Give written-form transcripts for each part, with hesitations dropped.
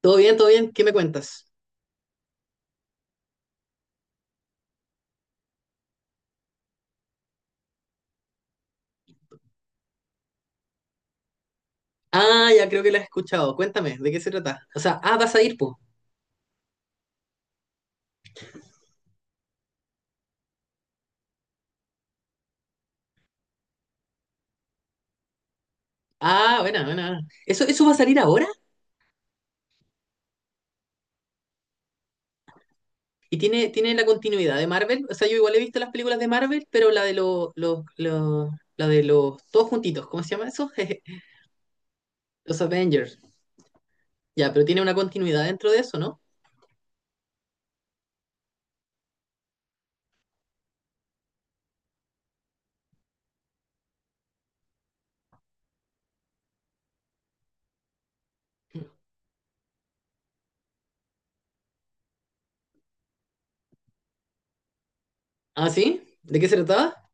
Todo bien, todo bien. ¿Qué me cuentas? Ah, ya creo que la he escuchado. Cuéntame, ¿de qué se trata? O sea, vas a ir, po. Ah, buena, buena. ¿Eso va a salir ahora? ¿Y tiene la continuidad de Marvel? O sea, yo igual he visto las películas de Marvel, pero la de la de los, todos juntitos, ¿cómo se llama eso? Los Avengers. Ya, pero tiene una continuidad dentro de eso, ¿no? Ah, ¿sí? ¿De qué se trataba?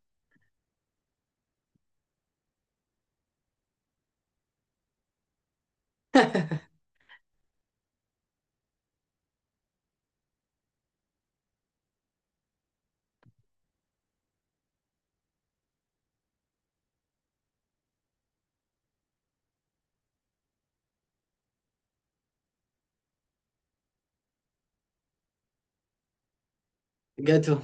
Gacho.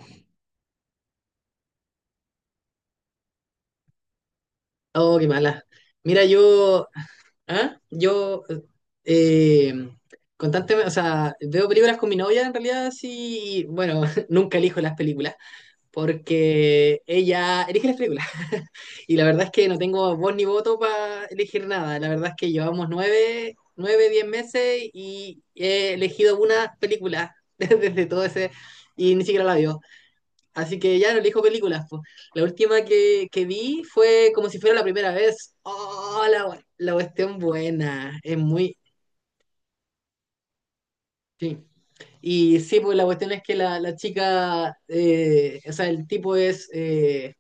Oh, qué mala. Mira, yo ¿Ah? Yo eh, constantemente, o sea, veo películas con mi novia en realidad, sí, y, bueno, nunca elijo las películas, porque ella elige las películas. Y la verdad es que no tengo voz ni voto para elegir nada. La verdad es que llevamos nueve, diez meses y he elegido una película desde todo ese, y ni siquiera la vio. Así que ya no elijo películas. Po. La última que vi fue como si fuera la primera vez. ¡Oh, la, gua- la cuestión buena! Es muy... Sí. Y sí, pues la cuestión es que la chica, o sea, el tipo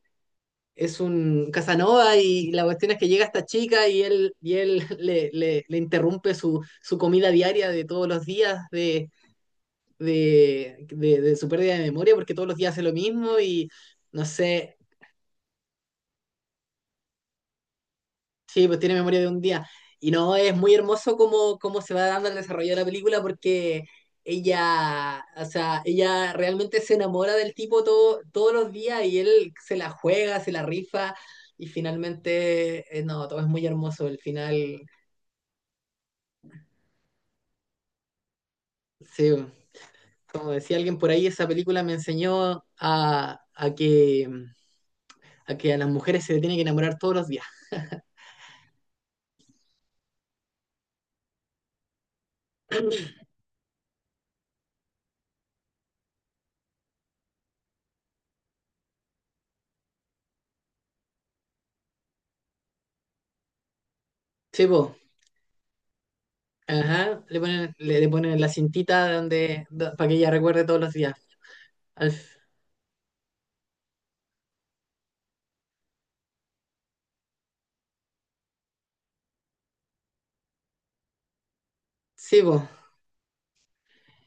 es un Casanova y la cuestión es que llega esta chica y él le interrumpe su comida diaria de todos los días de su pérdida de memoria porque todos los días hace lo mismo y no sé, Sí, pues tiene memoria de un día. Y no, es muy hermoso cómo, cómo se va dando el desarrollo de la película porque ella, o sea, ella realmente se enamora del tipo todo, todos los días y él se la juega, se la rifa y finalmente, no, todo es muy hermoso. El final, sí, como decía alguien por ahí, esa película me enseñó a que, a que a las mujeres se le tiene que enamorar todos los días. Sí, po. Ajá, le ponen, le ponen la cintita donde, para que ella recuerde todos los días. Al, f- sí, po.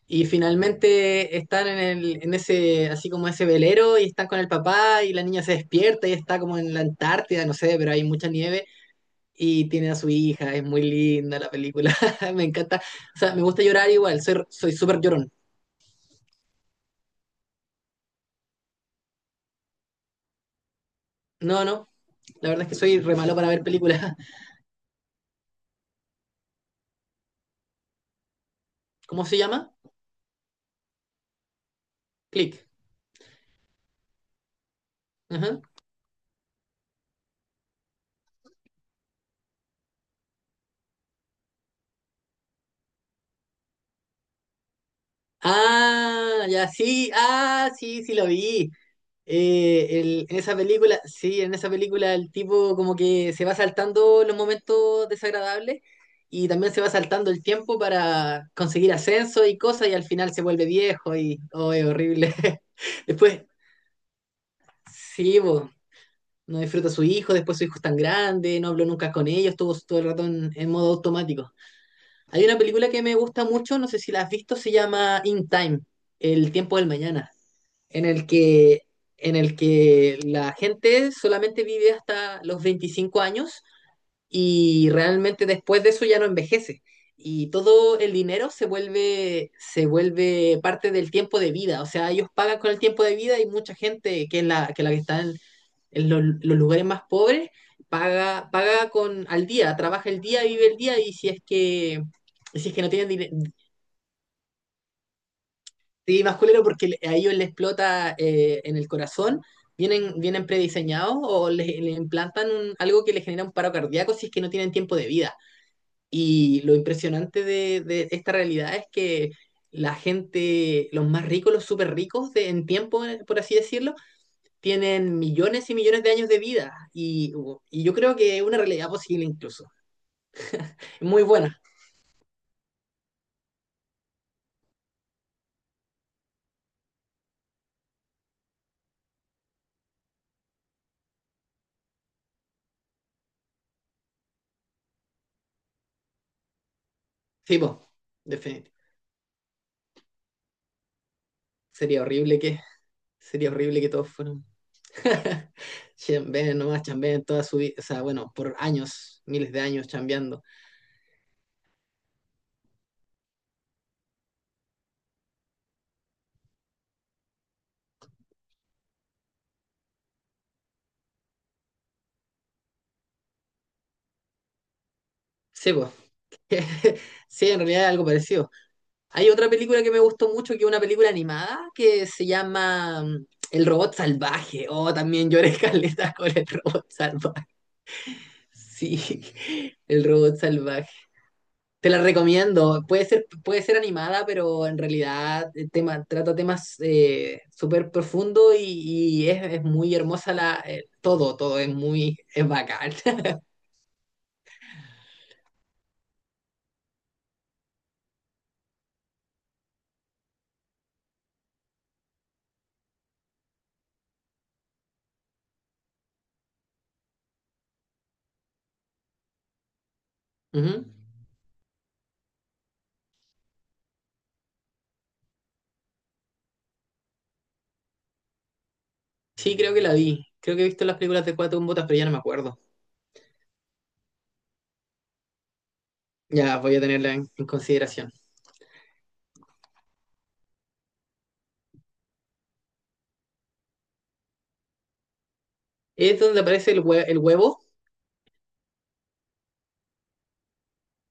Y finalmente están en el, en ese, así como ese velero, y están con el papá, y la niña se despierta y está como en la Antártida, no sé, pero hay mucha nieve, y tiene a su hija, es muy linda la película, me encanta. O sea, me gusta llorar igual, soy súper llorón. No, no, la verdad es que soy re malo para ver películas. ¿Cómo se llama? Click. Ajá. Ah, ya sí, ah, sí, sí lo vi. En esa película, sí, en esa película el tipo como que se va saltando los momentos desagradables y también se va saltando el tiempo para conseguir ascenso y cosas y al final se vuelve viejo y, oh, es horrible. Después, sí, bo, no disfruta a su hijo, después su hijo es tan grande, no habló nunca con ellos, estuvo todo el rato en modo automático. Hay una película que me gusta mucho, no sé si la has visto, se llama In Time, el tiempo del mañana en el que, en el que la gente solamente vive hasta los 25 años y realmente después de eso ya no envejece. Y todo el dinero se vuelve parte del tiempo de vida. O sea, ellos pagan con el tiempo de vida y mucha gente que es la que está en los lugares más pobres paga, paga con al día, trabaja el día, vive el día y si es que, si es que no tienen, dine- Sí, más porque le- a ellos les explota en el corazón. ¿Vienen prediseñados o les implantan un- algo que les genera un paro cardíaco si es que no tienen tiempo de vida? Y lo impresionante de esta realidad es que la gente, los más ricos, los súper ricos de, en tiempo, por así decirlo, tienen millones y millones de años de vida. Y yo creo que es una realidad posible incluso. Muy buena. Sí, po, definitivamente. Sería horrible que, sería horrible que todos fueran Chambeen nomás, chambeen toda su vida, o sea, bueno, por años, miles de años chambeando. Sí, pues. Sí, en realidad es algo parecido. Hay otra película que me gustó mucho, que es una película animada, que se llama El robot salvaje. Oh, también lloré caleta con el robot salvaje. Sí, el robot salvaje. Te la recomiendo. Puede ser animada, pero en realidad el tema, trata temas súper profundos y es muy hermosa la, todo, todo es muy, es bacán. Ujú. Sí, creo que la vi. Creo que he visto las películas de Cuatro Botas, pero ya no me acuerdo. Ya voy a tenerla en consideración. Es donde aparece el, hue- el huevo,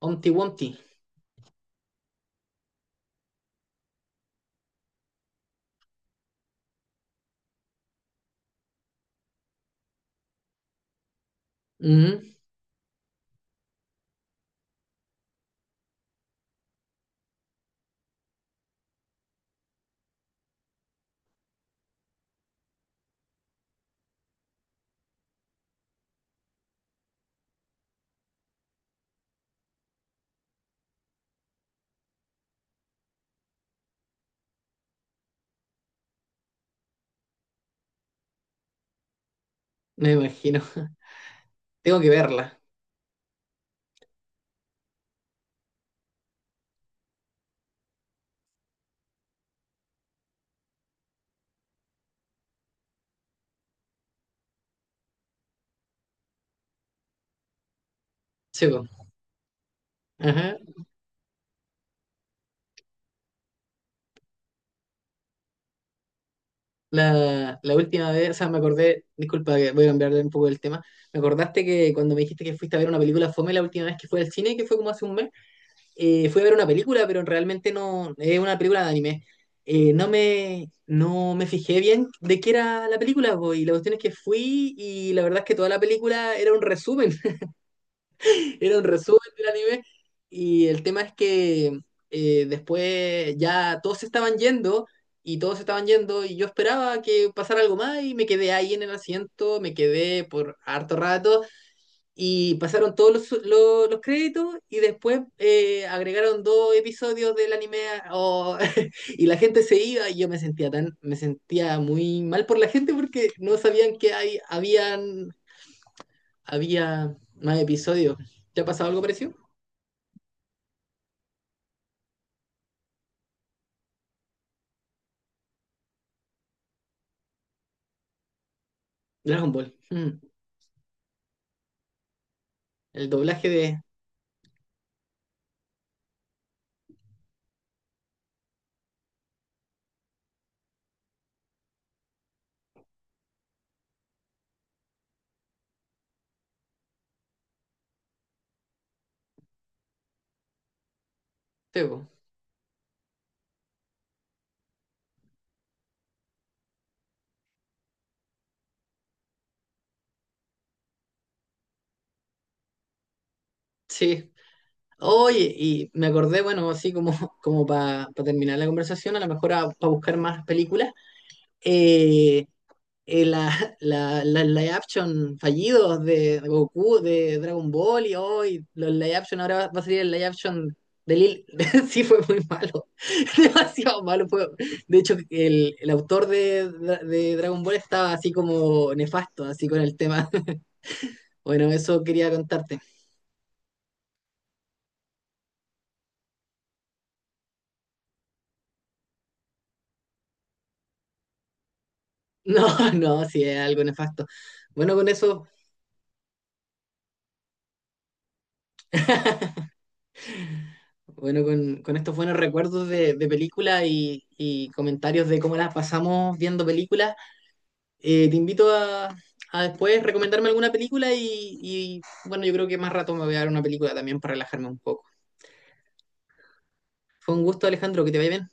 Humpty Wumpty. Ujú, me imagino. Tengo que verla. Sí, po. Ajá. La última vez, o sea, me acordé, disculpa, que voy a cambiarle un poco el tema. Me acordaste que cuando me dijiste que fuiste a ver una película fome la última vez que fue al cine, que fue como hace un mes, fui a ver una película, pero realmente no, es una película de anime. No me fijé bien de qué era la película, po, y la cuestión es que fui y la verdad es que toda la película era un resumen del anime. Y el tema es que después ya todos se estaban yendo y todos se estaban yendo y yo esperaba que pasara algo más y me quedé ahí en el asiento, me quedé por harto rato y pasaron todos los créditos y después agregaron dos episodios del anime o- y la gente se iba y yo me sentía tan, me sentía muy mal por la gente porque no sabían que hay, habían, había más episodios. ¿Te ha pasado algo parecido? Dragon Ball. El doblaje de Tebo. Sí. Oye, y me acordé, bueno, así como, como para terminar la conversación, a lo mejor para buscar más películas. eh, eh, la, la, la live action fallidos de Goku, de Dragon Ball y hoy los live action, ahora va, va a salir el live action de Lil. Sí, fue muy malo. Demasiado malo fue. De hecho, el autor de Dragon Ball estaba así como nefasto, así con el tema. Bueno, eso quería contarte. No, no, sí, es algo nefasto. Bueno, con eso, bueno, con estos buenos recuerdos de películas y comentarios de cómo las pasamos viendo películas, te invito a después recomendarme alguna película y, bueno, yo creo que más rato me voy a ver una película también para relajarme un poco. Fue un gusto, Alejandro, que te vaya bien.